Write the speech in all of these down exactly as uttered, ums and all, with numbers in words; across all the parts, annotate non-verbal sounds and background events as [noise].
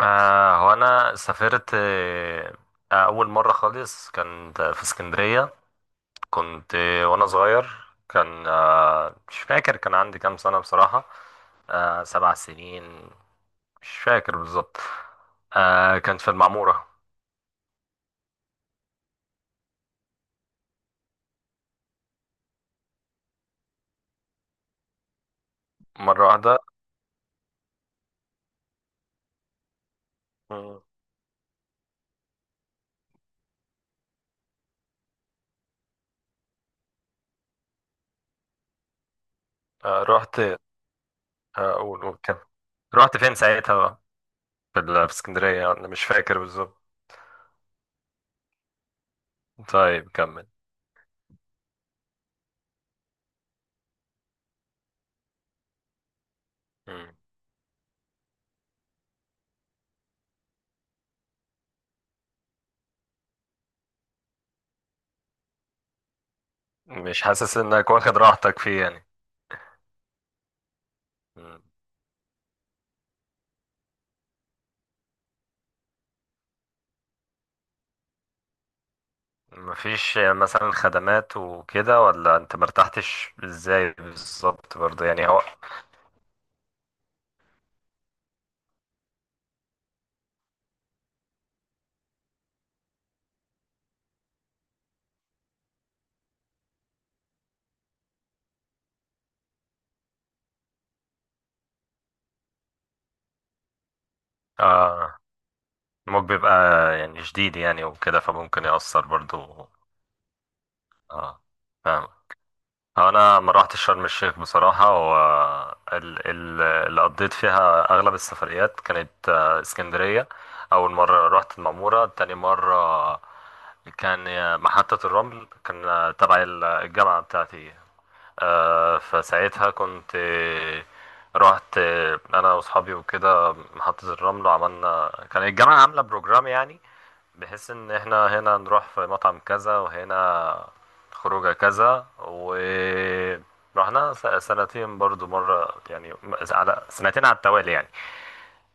آه هو انا سافرت آه اول مره خالص كانت في اسكندريه. كنت آه وانا صغير. كان آه مش فاكر كان عندي كام سنه بصراحه. آه سبع سنين، مش فاكر بالظبط. آه كانت في المعموره. مره واحده. مم. آه رحت آه اقول أقول كده. رحت فين ساعتها بقى؟ في ال- في اسكندريه، انا مش فاكر بالظبط. طيب، كمل. مم. مش حاسس انك واخد راحتك فيه يعني؟ مم. مفيش مثلا خدمات وكده، ولا انت مرتحتش، ازاي بالظبط برضه يعني هو؟ اه، الموج بيبقى يعني شديد يعني وكده، فممكن يأثر برضه. اه، فاهم. آه، انا ما روحتش شرم الشيخ بصراحة. هو ال- ال- اللي قضيت فيها اغلب السفريات كانت آه، اسكندرية. اول مرة رحت المعمورة، تاني مرة كان محطة الرمل، كان تبع الجامعة بتاعتي. آه، فساعتها كنت، آه، رحت آه، انا واصحابي وكده محطة الرمل. وعملنا كان الجامعة عاملة بروجرام يعني، بحيث ان احنا هنا نروح في مطعم كذا، وهنا خروجه كذا، ورحنا. سنتين برضو مرة يعني، على سنتين على التوالي يعني.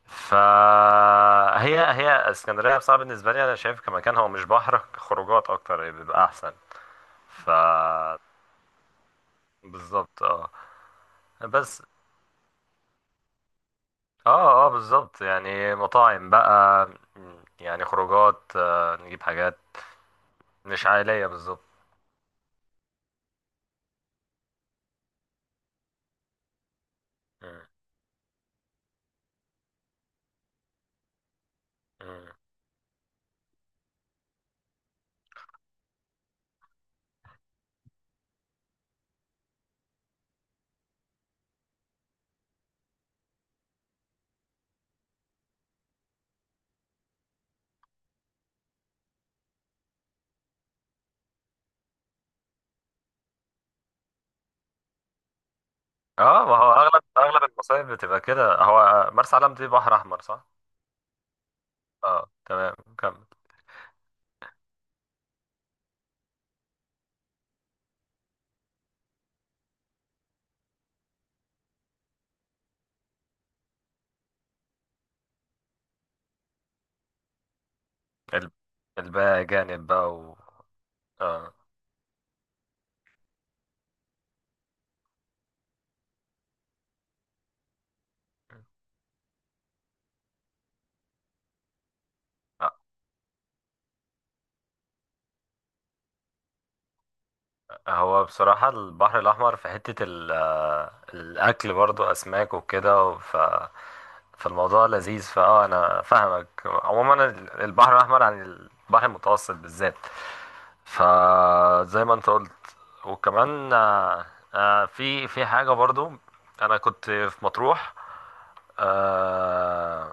فهي هي اسكندرية بصراحة، بالنسبة لي انا شايف كمكان هو مش بحر، خروجات اكتر بيبقى احسن. ف بالظبط، اه. بس، اه اه بالظبط يعني، مطاعم بقى. مم، يعني خروجات آه نجيب حاجات مش عائلية بالظبط. مم، مم. اه، ما هو اغلب اغلب المصايف بتبقى كده. هو مرسى علم دي بحر احمر صح؟ اه، تمام، كمل. ال- الباقي جانب بقى و. اه. آه. هو بصراحة البحر الأحمر في حتة ال- آه، الأكل برضو أسماك وكده. ف فالموضوع لذيذ. فأه أنا فاهمك عموما ال- البحر الأحمر عن البحر المتوسط بالذات. فزي ما أنت قلت. وكمان، آه، آه، في في حاجة برضو. أنا كنت في مطروح، آه،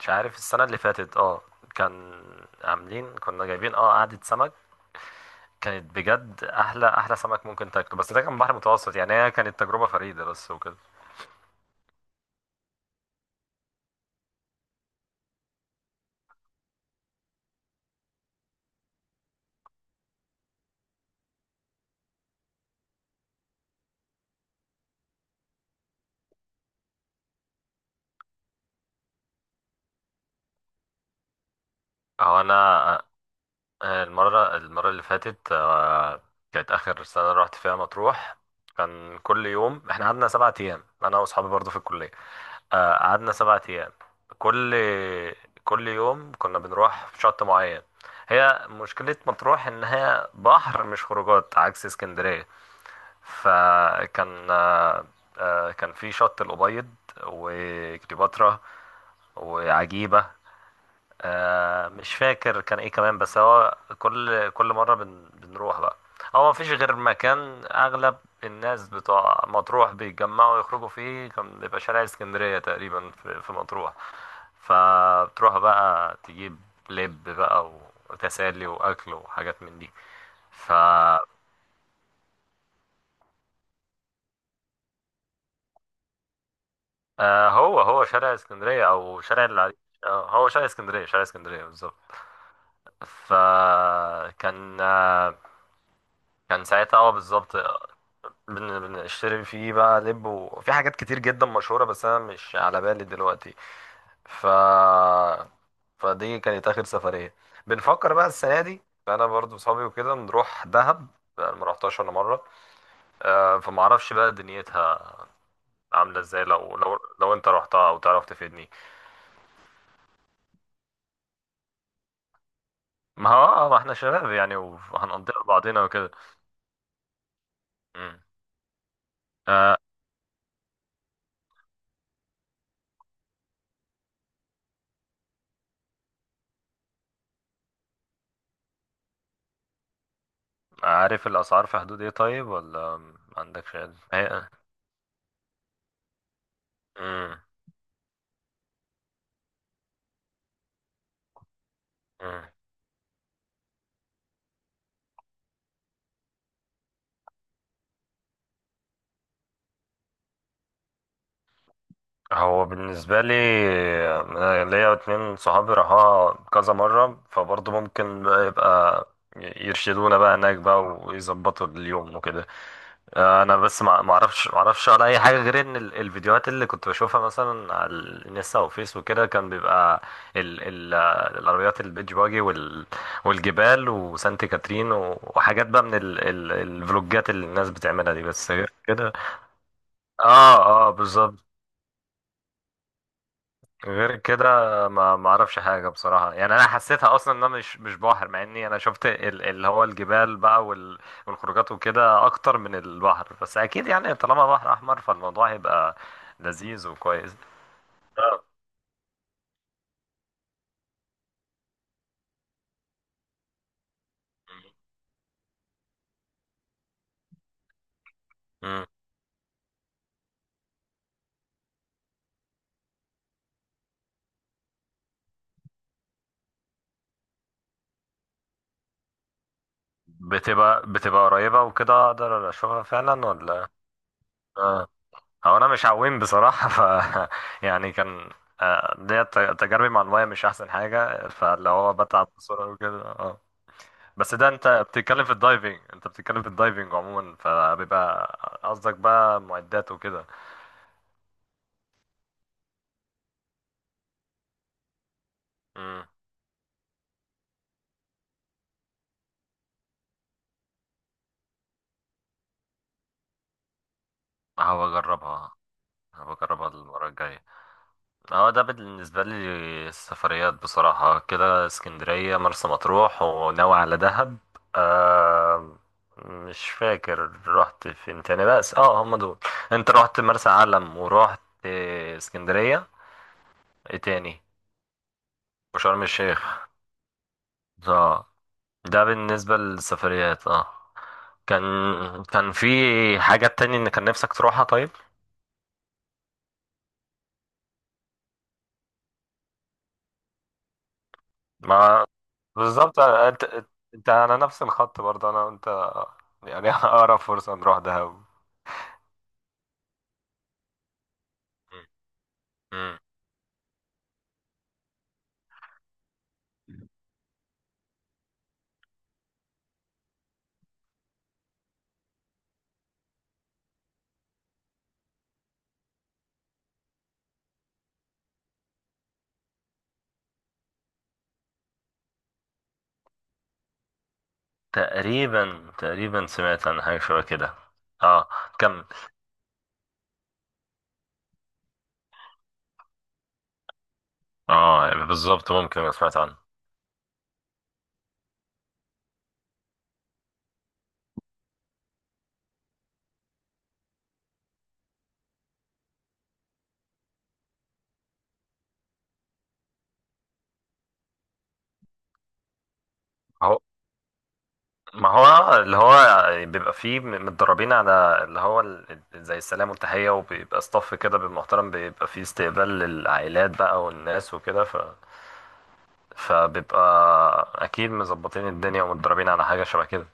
مش عارف السنة اللي فاتت اه كان عاملين كنا جايبين اه قعدة سمك، كانت بجد احلى احلى سمك ممكن تاكله، بس ده كان بحر متوسط يعني، هي كانت تجربه فريده بس وكده. هو انا، آه، المره المره اللي فاتت، آه، كانت اخر سنه رحت فيها مطروح. كان كل يوم احنا قعدنا سبعة ايام، انا واصحابي برضو في الكليه. آه، قعدنا سبعة ايام، كل كل يوم كنا بنروح في شط معين. هي مشكله مطروح ان هي بحر مش خروجات، عكس اسكندريه. فكان آه، آه، كان في شط الأبيض وكليوباترا وعجيبة. آه، مش فاكر كان ايه كمان، بس هو كل كل مرة بن بنروح بقى. هو مفيش غير مكان أغلب الناس بتوع مطروح بيتجمعوا يخرجوا فيه، كان بيبقى شارع اسكندرية تقريبا في في مطروح. فبتروح بقى تجيب لب بقى، وتسالي وأكل وحاجات من دي. ف آه هو هو شارع اسكندرية أو شارع العريش؟ آه هو شارع اسكندرية، شارع اسكندرية بالظبط. فكان آه كان ساعتها، اه بالظبط. بن- بنشتري فيه بقى لب، وفي حاجات كتير جدا مشهورة، بس أنا مش على بالي دلوقتي. ف فدي كانت آخر سفرية، بنفكر بقى السنة دي فأنا برضو وصحابي وكده نروح دهب. أنا ما رحتهاش ولا مرة، آه فمعرفش بقى دنيتها عاملة ازاي، لو لو لو انت رحتها أو تعرف تفيدني. ما هو اه، ما احنا شباب يعني، وهنقضيها لبعضنا وكده. مم. آه، عارف الأسعار في حدود ايه طيب، ولا ما عندكش علم؟ هي- مم. مم. هو بالنسبة لي، أنا ليا اتنين صحابي راحوها كذا مرة، فبرضه ممكن بقى يبقى يرشدونا بقى هناك بقى، ويظبطوا اليوم وكده. آه، انا بس ما ما اعرفش ما اعرفش على اي حاجه، غير ان ال- الفيديوهات اللي كنت بشوفها مثلا على الانستا وفيس وكده كان بيبقى ال ال آه، العربيات البيتش باجي وال والجبال وسانت كاترين و- وحاجات بقى من ال ال الفلوجات اللي الناس بتعملها دي، بس غير كده. اه اه، بالظبط. غير كده، ما ما اعرفش حاجه بصراحه يعني، انا حسيتها اصلا ان انا مش مش بحر، مع اني انا شفت ال- اللي هو الجبال بقى وال- والخروجات وكده اكتر من البحر، بس اكيد يعني طالما بحر احمر فالموضوع هيبقى لذيذ وكويس. آه. مم. بتبقى بتبقى قريبه وكده، اقدر اشوفها فعلا ولا؟ اه، هو انا مش عويم بصراحه. [laughs] ف يعني كان، آه، ديت تجاربي مع المايه مش احسن حاجه، فاللي هو بتعب بسرعه وكده آه. بس ده انت بتتكلم في الدايفنج انت بتتكلم في الدايفنج عموما فبيبقى. قصدك بقى معدات وكده؟ امم هبقى اجربها هبقى اجربها المره الجايه. اه، ده بالنسبه لي السفريات بصراحه كده: اسكندريه، مرسى مطروح، وناوي على دهب. آه مش فاكر رحت فين تاني، بس اه هم دول. انت رحت مرسى علم ورحت اسكندريه، ايه تاني؟ وشرم الشيخ، اه. ده بالنسبه للسفريات اه كان كان في حاجة تاني ان كان نفسك تروحها طيب؟ ما، بالظبط. آه، انت انت على نفس الخط برضه انا وانت يعني. [laughs] اقرب فرصة نروح دهب. مم. تقريبا تقريبا سمعت عن حاجة شبه كده. اه، كمل. اه، يعني بالظبط ممكن أبقى سمعت عنه. هو، ما هو اللي هو بيبقى فيه م- متدربين على اللي هو ال- ال- زي السلام والتحية، وبيبقى صف كده بالمحترم، بيبقى فيه استقبال للعائلات بقى والناس وكده. فبيبقى اكيد مظبطين الدنيا ومتدربين على حاجه شبه كده.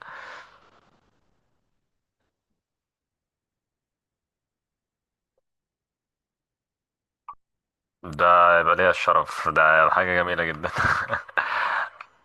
ده يبقى ليا الشرف، ده حاجه جميله جدا. [laughs]